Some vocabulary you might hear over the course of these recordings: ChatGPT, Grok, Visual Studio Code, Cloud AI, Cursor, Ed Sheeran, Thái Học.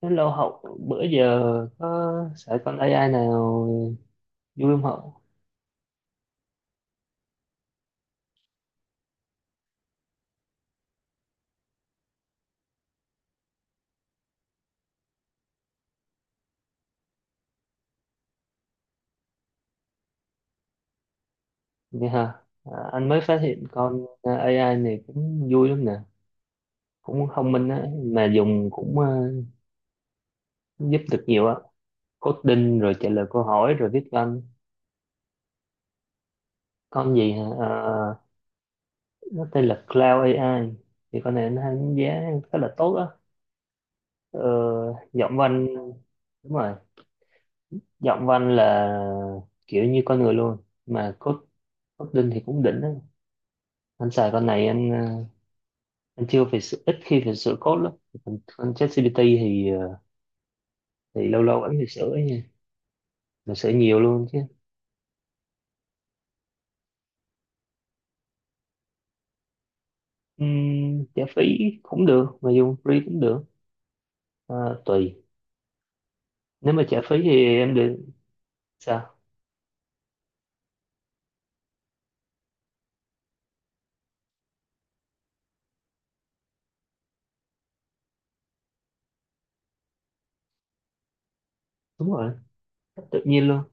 Lâu Hậu, bữa giờ có sợ con AI nào vui không Hậu? Vậy hả? À, anh mới phát hiện con AI này cũng vui lắm nè, cũng thông minh á, mà dùng cũng giúp được nhiều á. Coding rồi trả lời câu hỏi rồi viết văn. Con gì hả? Ờ, nó tên là Cloud AI. Thì con này nó đánh giá khá là tốt á. Ờ, giọng văn, đúng rồi, giọng văn là kiểu như con người luôn. Mà Coding thì cũng đỉnh á. Anh xài con này anh chưa phải sửa, ít khi phải sửa code lắm. Còn con ChatGPT thì lâu lâu vẫn phải sửa ấy nha, mà sửa nhiều luôn chứ. Trả phí cũng được mà dùng free cũng được, à, tùy. Nếu mà trả phí thì em được. Sao? Đúng rồi, cách tự nhiên luôn.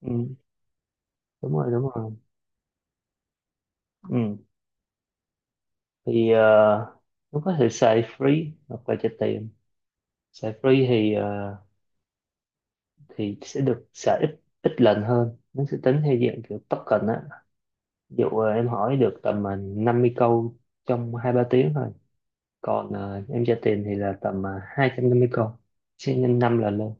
Ừ, đúng rồi, đúng rồi. Ừ. Thì nó có thể xài free hoặc là trả tiền. Xài free thì sẽ được xài ít ít lần hơn, nó sẽ tính theo dạng kiểu token á. Ví dụ em hỏi được tầm 50 câu trong 2 3 tiếng thôi. Còn em tra tiền thì là tầm 250 câu, sẽ nhân 5 lần lên.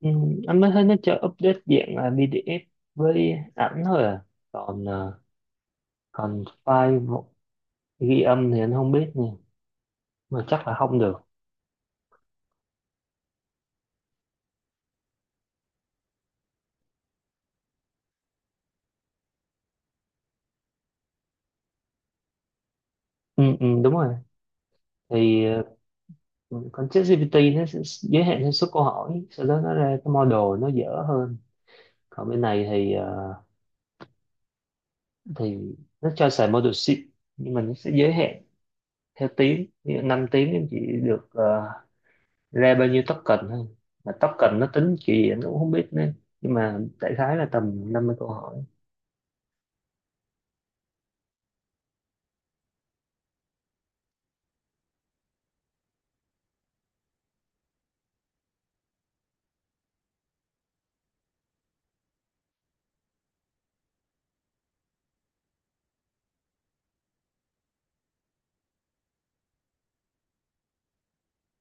Ừ, anh mới thấy nó cho update dạng là PDF với ảnh thôi à. Còn còn ghi âm thì anh không biết nha, mà chắc là không được. Ừ, ừ, đúng rồi. thì ờ, con ChatGPT nó sẽ giới hạn theo số câu hỏi, sau đó nó ra cái model nó dở hơn. Còn bên này thì thì nó cho xài model sheet, nhưng mà nó sẽ giới hạn theo tiếng. Ví dụ 5 tiếng em chỉ được ra bao nhiêu token thôi. Mà token nó tính kiểu gì em cũng không biết nữa, nhưng mà đại khái là tầm 50 câu hỏi.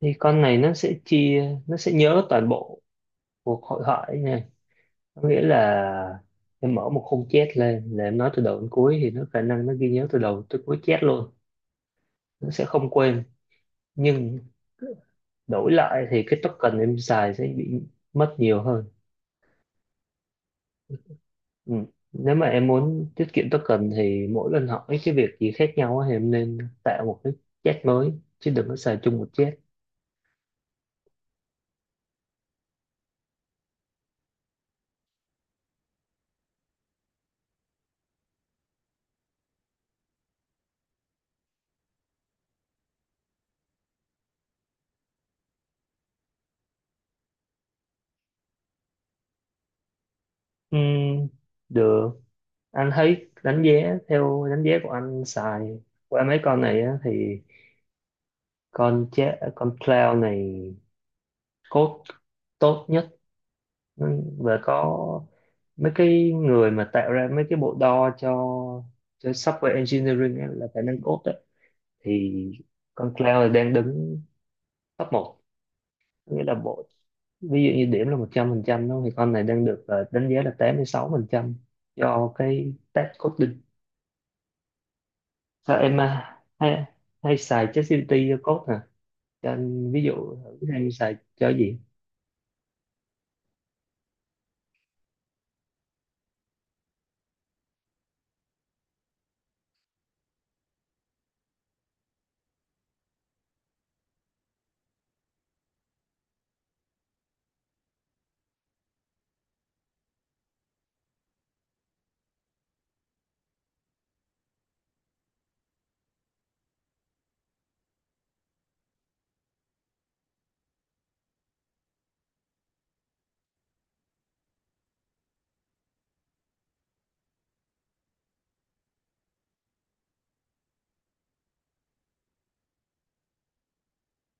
Thì con này nó sẽ chia, nó sẽ nhớ toàn bộ cuộc hội thoại nha. Có nghĩa là em mở một khung chat lên là em nói từ đầu đến cuối thì nó khả năng nó ghi nhớ từ đầu tới cuối chat luôn. Nó sẽ không quên, nhưng đổi lại thì cái token em xài sẽ bị mất nhiều hơn. Ừ. Nếu mà em muốn tiết kiệm token thì mỗi lần hỏi cái việc gì khác nhau á thì em nên tạo một cái chat mới, chứ đừng có xài chung một chat. Ừm, Được. Anh thấy đánh giá, theo đánh giá của anh xài qua mấy con này á, thì con cloud này code tốt nhất. Ừ, và có mấy cái người mà tạo ra mấy cái bộ đo cho software engineering á, là khả năng code á, thì con cloud đang đứng top một. Nghĩa là bộ, ví dụ như điểm là 100% đúng không? Thì con này đang được đánh giá là 86% do cái test coding. Sao em, à, hay, hay xài ChatGPT cho code hả? Cho anh ví dụ thử hay xài cho gì.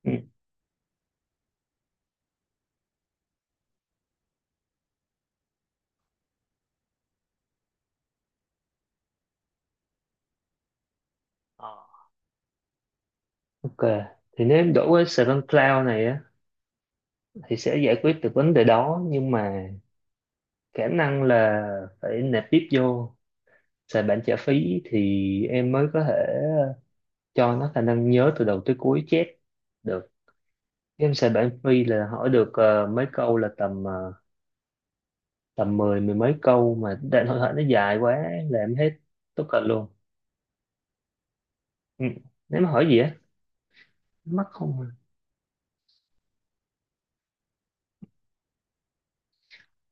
Ừ. Ờ, ok, thì nếu em đổi cái Cloud này á thì sẽ giải quyết được vấn đề đó, nhưng mà khả năng là phải nạp tiếp vô, xài bản trả phí thì em mới có thể cho nó khả năng nhớ từ đầu tới cuối chép được. Game xài bản free là hỏi được mấy câu là tầm tầm mười mười mấy câu, mà đại hội thoại nó dài quá là em hết tất cả luôn. Ừ. Nếu mà hỏi gì á, mắc không à?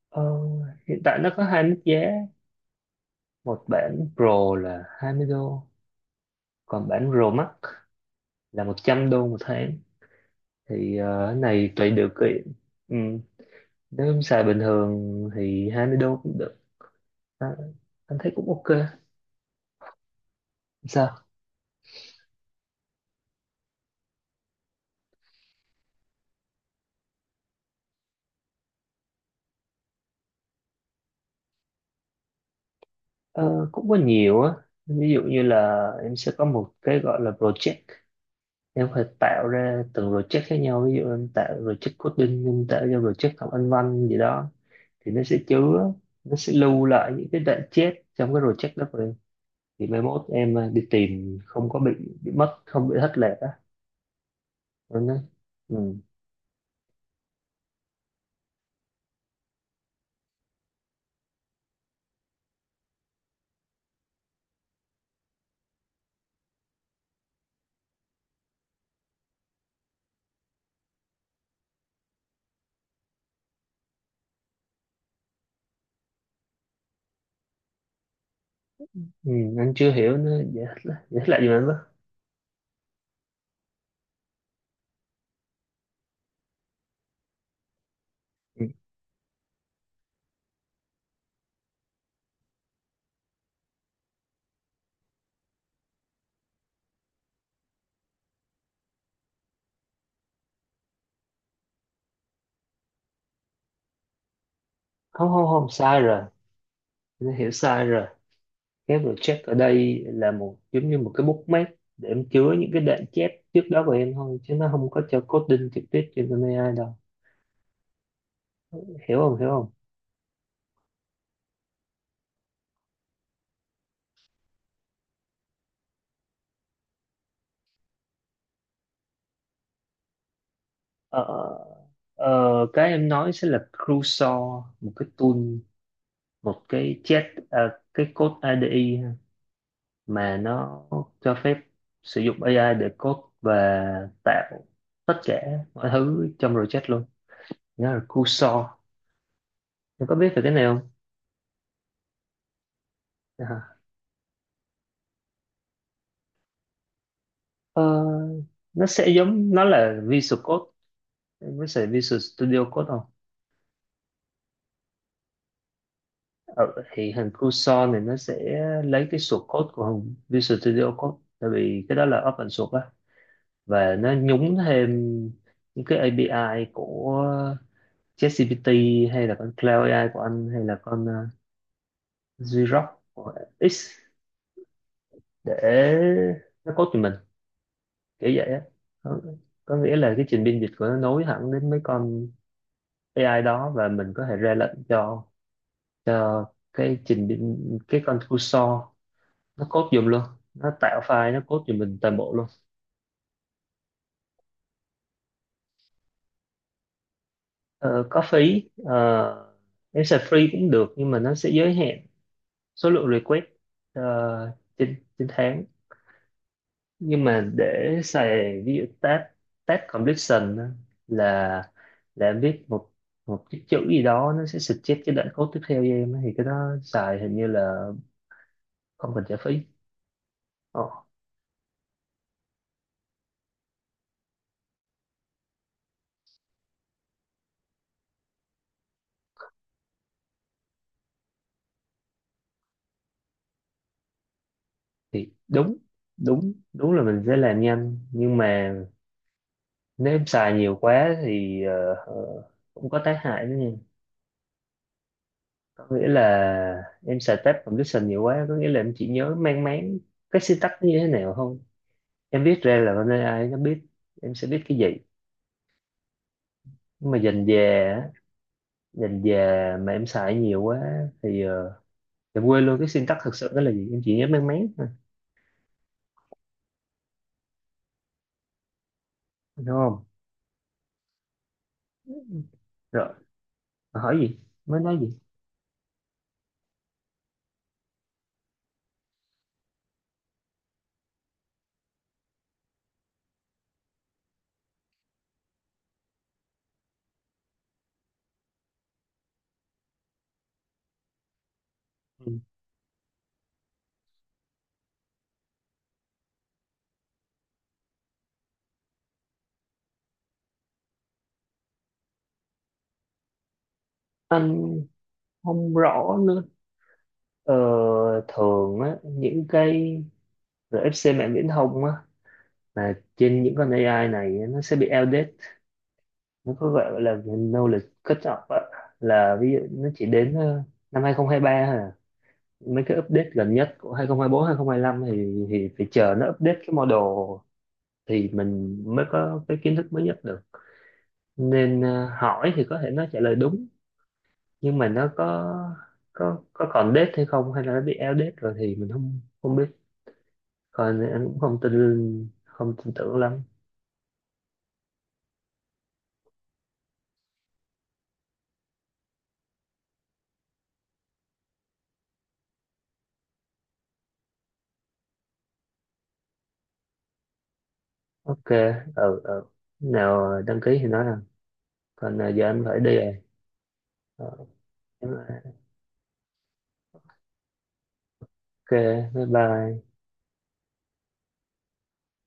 Ờ, hiện tại nó có hai mức giá. Một bản Pro là $20, còn bản Pro Max là $100 một tháng. Thì cái này tùy điều kiện. Ừ. Nếu em xài bình thường thì $20 cũng được, à, anh thấy cũng ok. Sao? Ờ, cũng có nhiều á. Ví dụ như là em sẽ có một cái gọi là project. Em phải tạo ra từng project khác nhau, ví dụ em tạo project coding, em tạo ra project học anh văn gì đó, thì nó sẽ chứa, nó sẽ lưu lại những cái đoạn chết trong cái project đó của em. Thì mai mốt em, à, đi tìm không có bị mất, không bị thất lạc á. Anh nói. Ừ, ừ, anh chưa hiểu. Nó dễ thất lạc, gì mà anh nói. Ừ, không không không sai rồi. Anh hiểu sai rồi. Cái project ở đây là một, giống như một cái bookmark để em chứa những cái đoạn chép trước đó của em thôi, chứ nó không có cho coding trực tiếp trên con AI đâu. Hiểu không? Hiểu không? ờ, cái em nói sẽ là Cursor, một cái tool, một cái chat, à, cái code IDE ha, mà nó cho phép sử dụng AI để code và tạo tất cả mọi thứ trong project luôn. Nó là Cursor. Em có biết về cái này không? À, ờ, nó sẽ giống, nó là Visual Code. Em có xài Visual Studio Code không? Ờ, thì hình Cursor này nó sẽ lấy cái source code của hình Visual Studio Code, tại vì cái đó là open source á, và nó nhúng thêm những cái API của ChatGPT hay là con Cloud AI của anh, hay là con Grok của X, để nó code cho mình kiểu vậy á. có, có nghĩa là cái trình biên dịch của nó nối hẳn đến mấy con AI đó, và mình có thể ra lệnh cho cho cái trình biên cái con cursor nó code giùm luôn, nó tạo file, nó code giùm mình toàn bộ luôn. Ờ, có phí. Ờ, em xài free cũng được, nhưng mà nó sẽ giới hạn số lượng request ờ, trên trên tháng. Nhưng mà để xài ví dụ task, task completion á, là em viết một một cái chữ gì đó, nó sẽ suggest cái đoạn code tiếp theo cho em á, thì cái đó xài hình như là không cần trả phí. Ờ, thì đúng, đúng là mình sẽ làm nhanh, nhưng mà nếu em xài nhiều quá thì cũng có tác hại đó nha. Có nghĩa là em xài tab condition nhiều quá có nghĩa là em chỉ nhớ mang máng cái syntax nó như thế nào không. Em viết ra là con AI nó biết em sẽ biết cái gì, nhưng mà dần dà á, dần dà mà em xài nhiều quá thì em quên luôn cái syntax thực sự đó là gì, em chỉ nhớ mang máng thôi. Đúng không? Rồi, hỏi gì? Mới nói gì? Ừ. Anh không rõ nữa. Ờ, thường á những cái rồi FC mạng viễn thông á, là trên những con AI này á, nó sẽ bị outdated. Nó có gọi là knowledge cut off á, là ví dụ nó chỉ đến năm 2023 thôi à. Mấy cái update gần nhất của 2024 2025 thì phải chờ nó update cái model thì mình mới có cái kiến thức mới nhất được. Nên hỏi thì có thể nó trả lời đúng, nhưng mà nó có còn date hay không hay là nó bị outdated rồi thì mình không, không biết. Còn anh cũng không tin, không tin tưởng lắm. Ok, ừ, ừ, nào đăng ký thì nói rằng. Còn giờ anh phải đi rồi. Ờ, ok, bye bye.